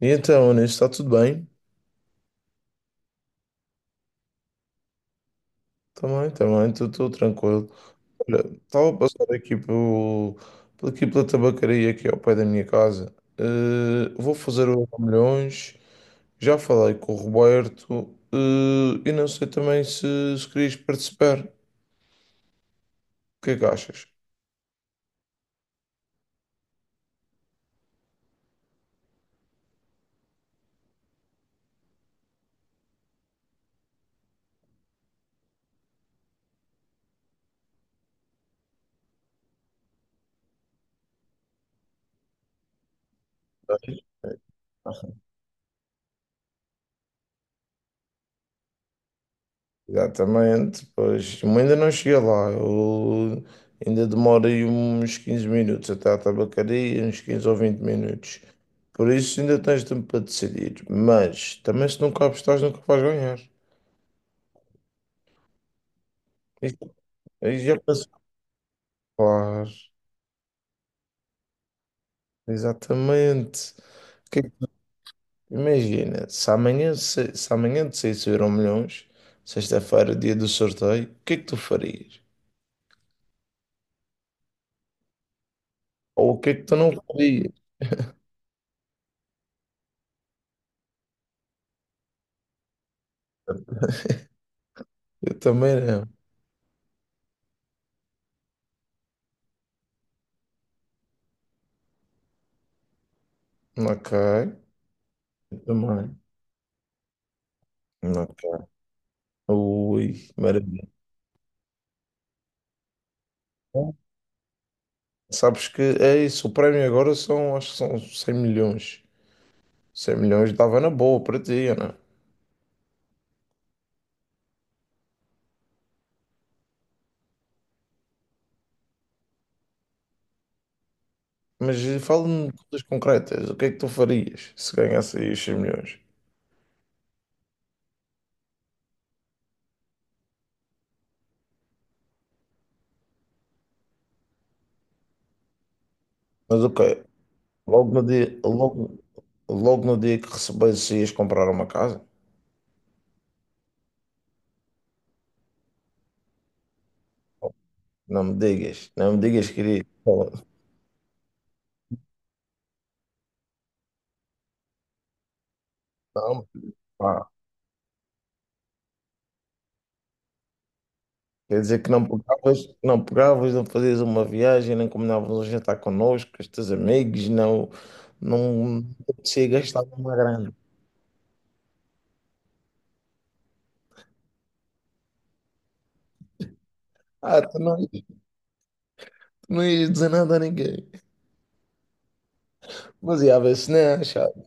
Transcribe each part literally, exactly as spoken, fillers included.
E então, Anis, está tudo bem? Também, também, estou tranquilo. Olha, estava a passar aqui pelo, por aqui pela tabacaria aqui ao pé da minha casa. Eh, vou fazer o milhões, já falei com o Roberto, eh, e não sei também se, se querias participar. O que é que achas? Exatamente, pois eu ainda não cheguei lá, eu ainda demora aí uns quinze minutos até à tabacaria, uns quinze ou vinte minutos. Por isso ainda tens tempo para decidir, mas também se nunca apostares nunca vais ganhar. Isso aí já passou, claro, exatamente. Que- Imagina, se amanhã, se, se amanhã te saísse o Euromilhões, sexta-feira, dia do sorteio, o que é que tu farias? Ou o que é que tu não farias? Eu também não. Ok, eu também. Ok. Ui, maravilha. Bom, sabes que é isso, o prémio agora são, acho que são cem milhões. Cem milhões dava na boa para ti, Ana. Mas eh, fala-me de coisas concretas, o que é que tu farias se ganhasse aí os 100 milhões? Mas ok, logo no dia, logo, logo no dia que recebesse ias comprar uma casa? Não me digas, não me digas que irias. Não, quer dizer que não pegavas, não pegavas, não fazias uma viagem, nem combinavas um jantar connosco, com os teus amigos, não, não te apetecia gastar uma grana. Ah, tu não, tu não ias dizer nada a ninguém. Mas ia haver sinais, sabes?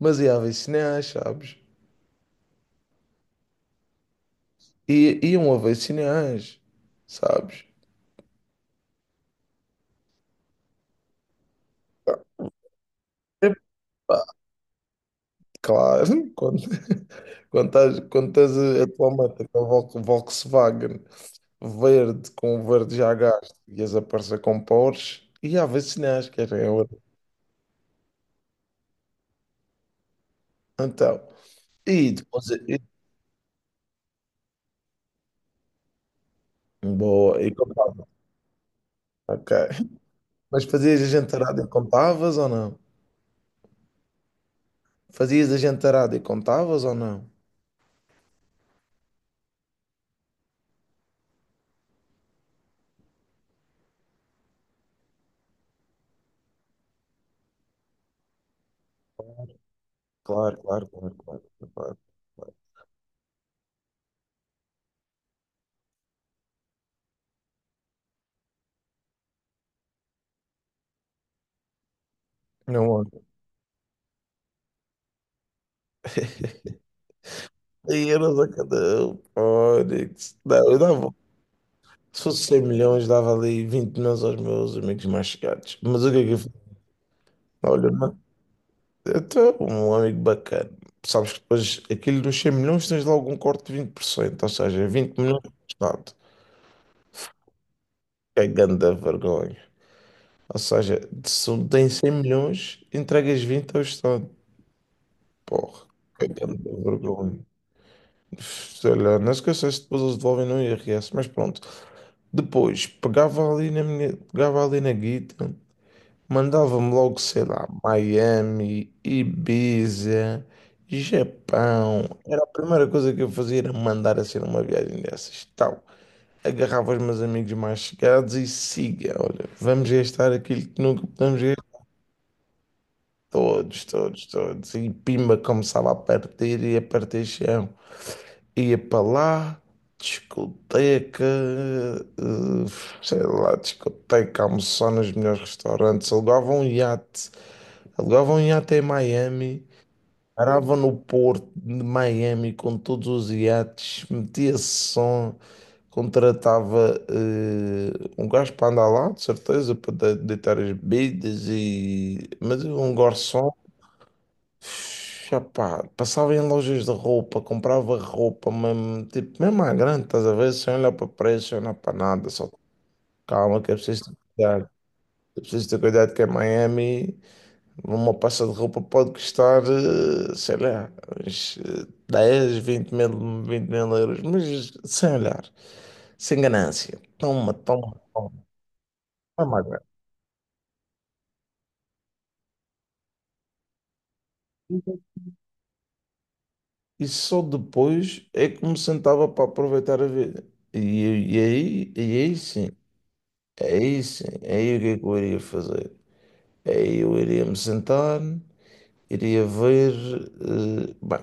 Mas ia haver sinais, sabes? E iam haver sinais, sabes? Epá, claro, quando, quando estás, quando estás a, a tua meta com a Vol- Volkswagen verde, com o verde já gasto, e as aparecer com Porsche, e há vacinais, que era. Então, e depois. E, boa, e contava. Ok. Mas fazias a gentarada e contavas ou não? Fazias a gentarada e contavas ou não? Claro, claro, claro, claro. Claro, claro. Não, olha. E euros a cada um. Olha, isso- não, eu dava. Se fosse cem milhões, dava ali vinte milhões aos meus amigos mais chegados. Mas o que é que eu fiz? Olha, mano, eu tenho um amigo bacana. Sabes que depois aquilo dos cem milhões tens logo um corte de vinte por cento, ou seja, vinte milhões do Estado. Que é grande vergonha. Ou seja, se um tem 100 milhões, entregas vinte ao Estado. Porra, que grande vergonha. Sei lá, não esqueças se depois eles devolvem no I R S, mas pronto. Depois, pegava ali na minha, pegava ali na guita, mandava-me logo, sei lá, Miami, Ibiza, Japão. Era a primeira coisa que eu fazia, era mandar assim numa viagem dessas, tal. Agarrava os meus amigos mais chegados e siga, olha, vamos gastar aquilo que nunca podemos. Todos, todos, todos. E pimba começava a partir e a partir chão. Ia para lá, discoteca, eh, sei lá, discoteca, almoçar nos melhores restaurantes. Alugava um iate, alugava um iate em Miami, parava no porto de Miami com todos os iates, metia som, contratava eh, um gajo para andar lá, de certeza, para de- deitar as bebidas e. Mas um garçom. Chapá, passava em lojas de roupa, comprava roupa, mesmo, tipo, mesmo à grande, estás a ver? Sem olhar para preço, sem olhar para nada, só calma que é preciso ter cuidado. É preciso ter cuidado que em Miami uma peça de roupa pode custar, eh, sei lá, uns eh, dez, 20 mil, vinte mil euros, mas sem olhar, sem ganância. Toma, toma, toma, mesmo à grande. E só depois é que me sentava para aproveitar a vida. E, e aí, e aí sim. É isso. É aí o que é que eu iria fazer? É aí eu iria me sentar, iria ver. eh, bem,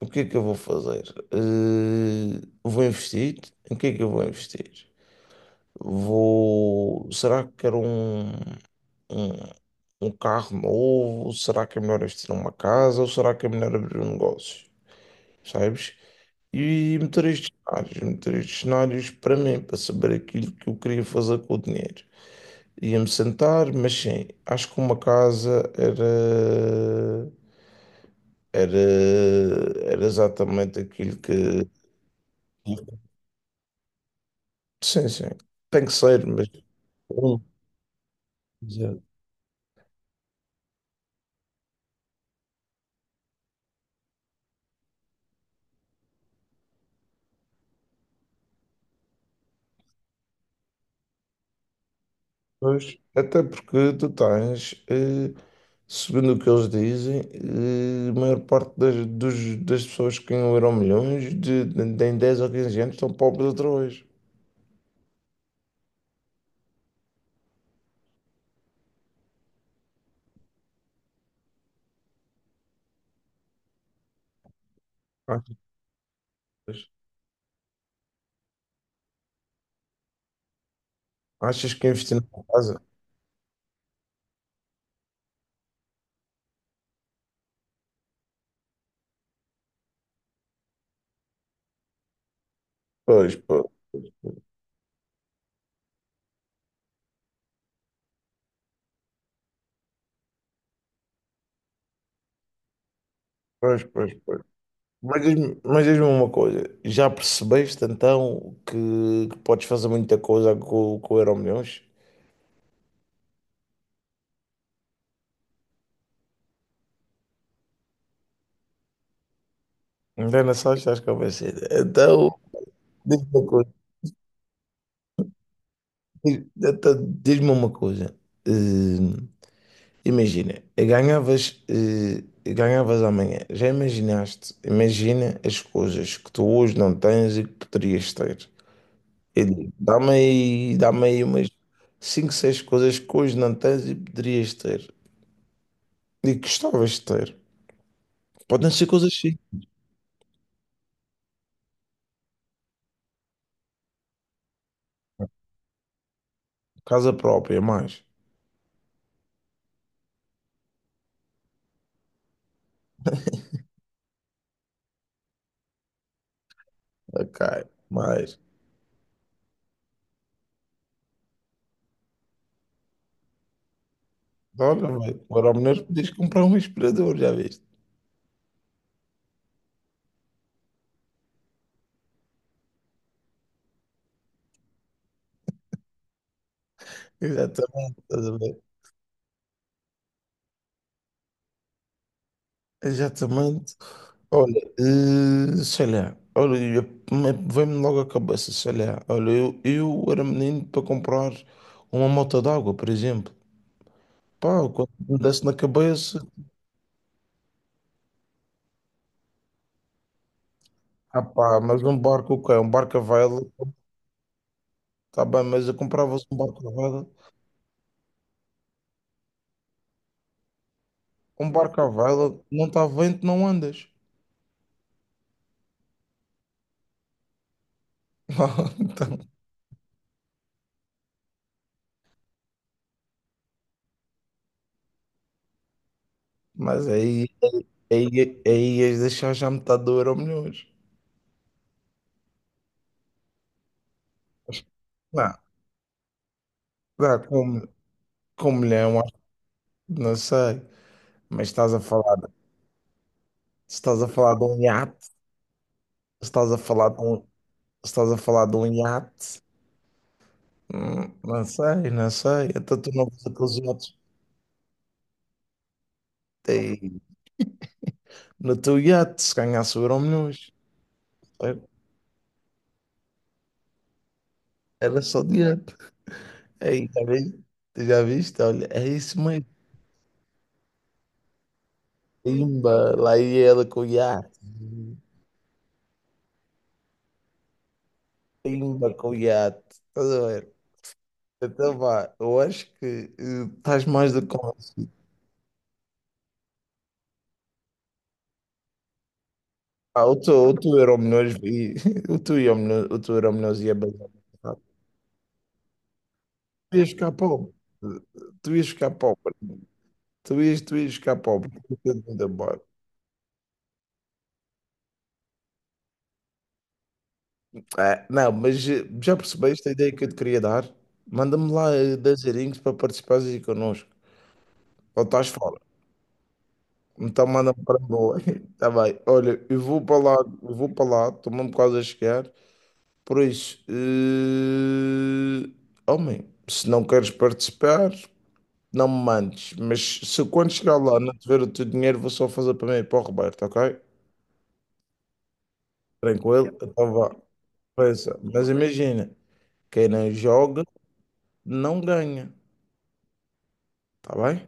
o que é que eu vou fazer? Eh, vou investir? Em que é que eu vou investir? Vou. Será que quero um, um, um carro novo? Será que é melhor investir numa casa? Ou será que é melhor abrir um negócio? Sabes? E meter estes cenários, meter estes cenários para mim, para saber aquilo que eu queria fazer com o dinheiro. Ia-me sentar, mas sim, acho que uma casa era, era, era exatamente aquilo que. Sim, sim, tem que ser, mas. um, exato. Pois, até porque tu tens, eh, segundo o que eles dizem, eh, a maior parte das, dos- das pessoas que ganham Euromilhões de, de, de em dez ou quinze anos estão pobres outra vez. Achas, achas que investir na casa? Pois, pois, pois. Pois. Mas diz-me mas diz-me uma coisa, já percebeste então que, que podes fazer muita coisa com, com o Euromilhões? Ainda só, estás com a vencer. Então, diz-me uma coisa, diz- então, diz-me uma coisa. Hum, imagina, ganhavas, eh, ganhavas amanhã, já imaginaste, imagina as coisas que tu hoje não tens e que poderias ter. E diz, Dá-me aí, dá-me aí umas cinco seis coisas que hoje não tens e poderias ter. E que gostavas de ter. Podem ser coisas assim. Casa própria, mais. Ok, mais. Olha, vai. Agora ao menos podias comprar um aspirador, já viste? Exatamente, estás a ver? Exatamente. Olha, eh, sei lá. Olha, eu- me- vem-me logo à cabeça, sei lá. Olha, eu, eu era menino para comprar uma moto d'água, por exemplo. Pá, quando me desse na cabeça, ah pá, mas um barco o quê? Um barco a vela, tá bem, mas eu comprava-se um barco a vela. Um barco à vela, não está vento, não andas. Então, mas aí, aí, aí ias deixar já metade do euro milhões. Não, não, com, com um milhão, acho que não sei. Mas estás a falar, se estás a falar de um iate, se estás a falar de um, se estás a falar de um iate, hum, não sei, não sei. Então tu não vês aqueles iates. Tem- No teu iate, se ganhasse o euro milhões, era só de iate. Aí, já viste? Já viste? Olha, é isso mesmo. Pimba, lá ia ela com o iate. Pimba com o iate. Estás a ver? Então vá, eu acho que eh, estás mais do que convencido. Ah, o teu, o teu Euromilhões e o teu, Euromilhões- o teu Euromilhões ia bem. Ah, tu ias ficar pobre. Tu ias ficar pobre. Tu ias, tu ias ficar pobre. Fica de mundo embora. Ah, não, mas eh, já percebeste a ideia que eu te queria dar? Manda-me lá eh, dez erinhos para participares aí connosco. Ou estás fora. Então manda-me para boa. Está bem. Olha, eu vou para lá, eu vou para lá, estou mesmo quase a chegar. Por isso, eh, homem, se não queres participar, não me mandes. Mas se eu, quando chegar lá não te o teu dinheiro, vou só fazer para mim e para o Roberto, ok? Tranquilo? Então vá. Pensa. Mas imagina, quem não joga não ganha, tá bem?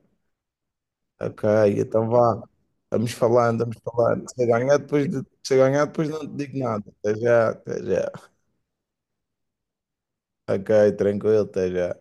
Ok, então vá. Vamos falando, vamos falando. Se eu ganhar depois, de- se eu ganhar depois não te digo nada. Até já, até já. Ok, tranquilo, até já.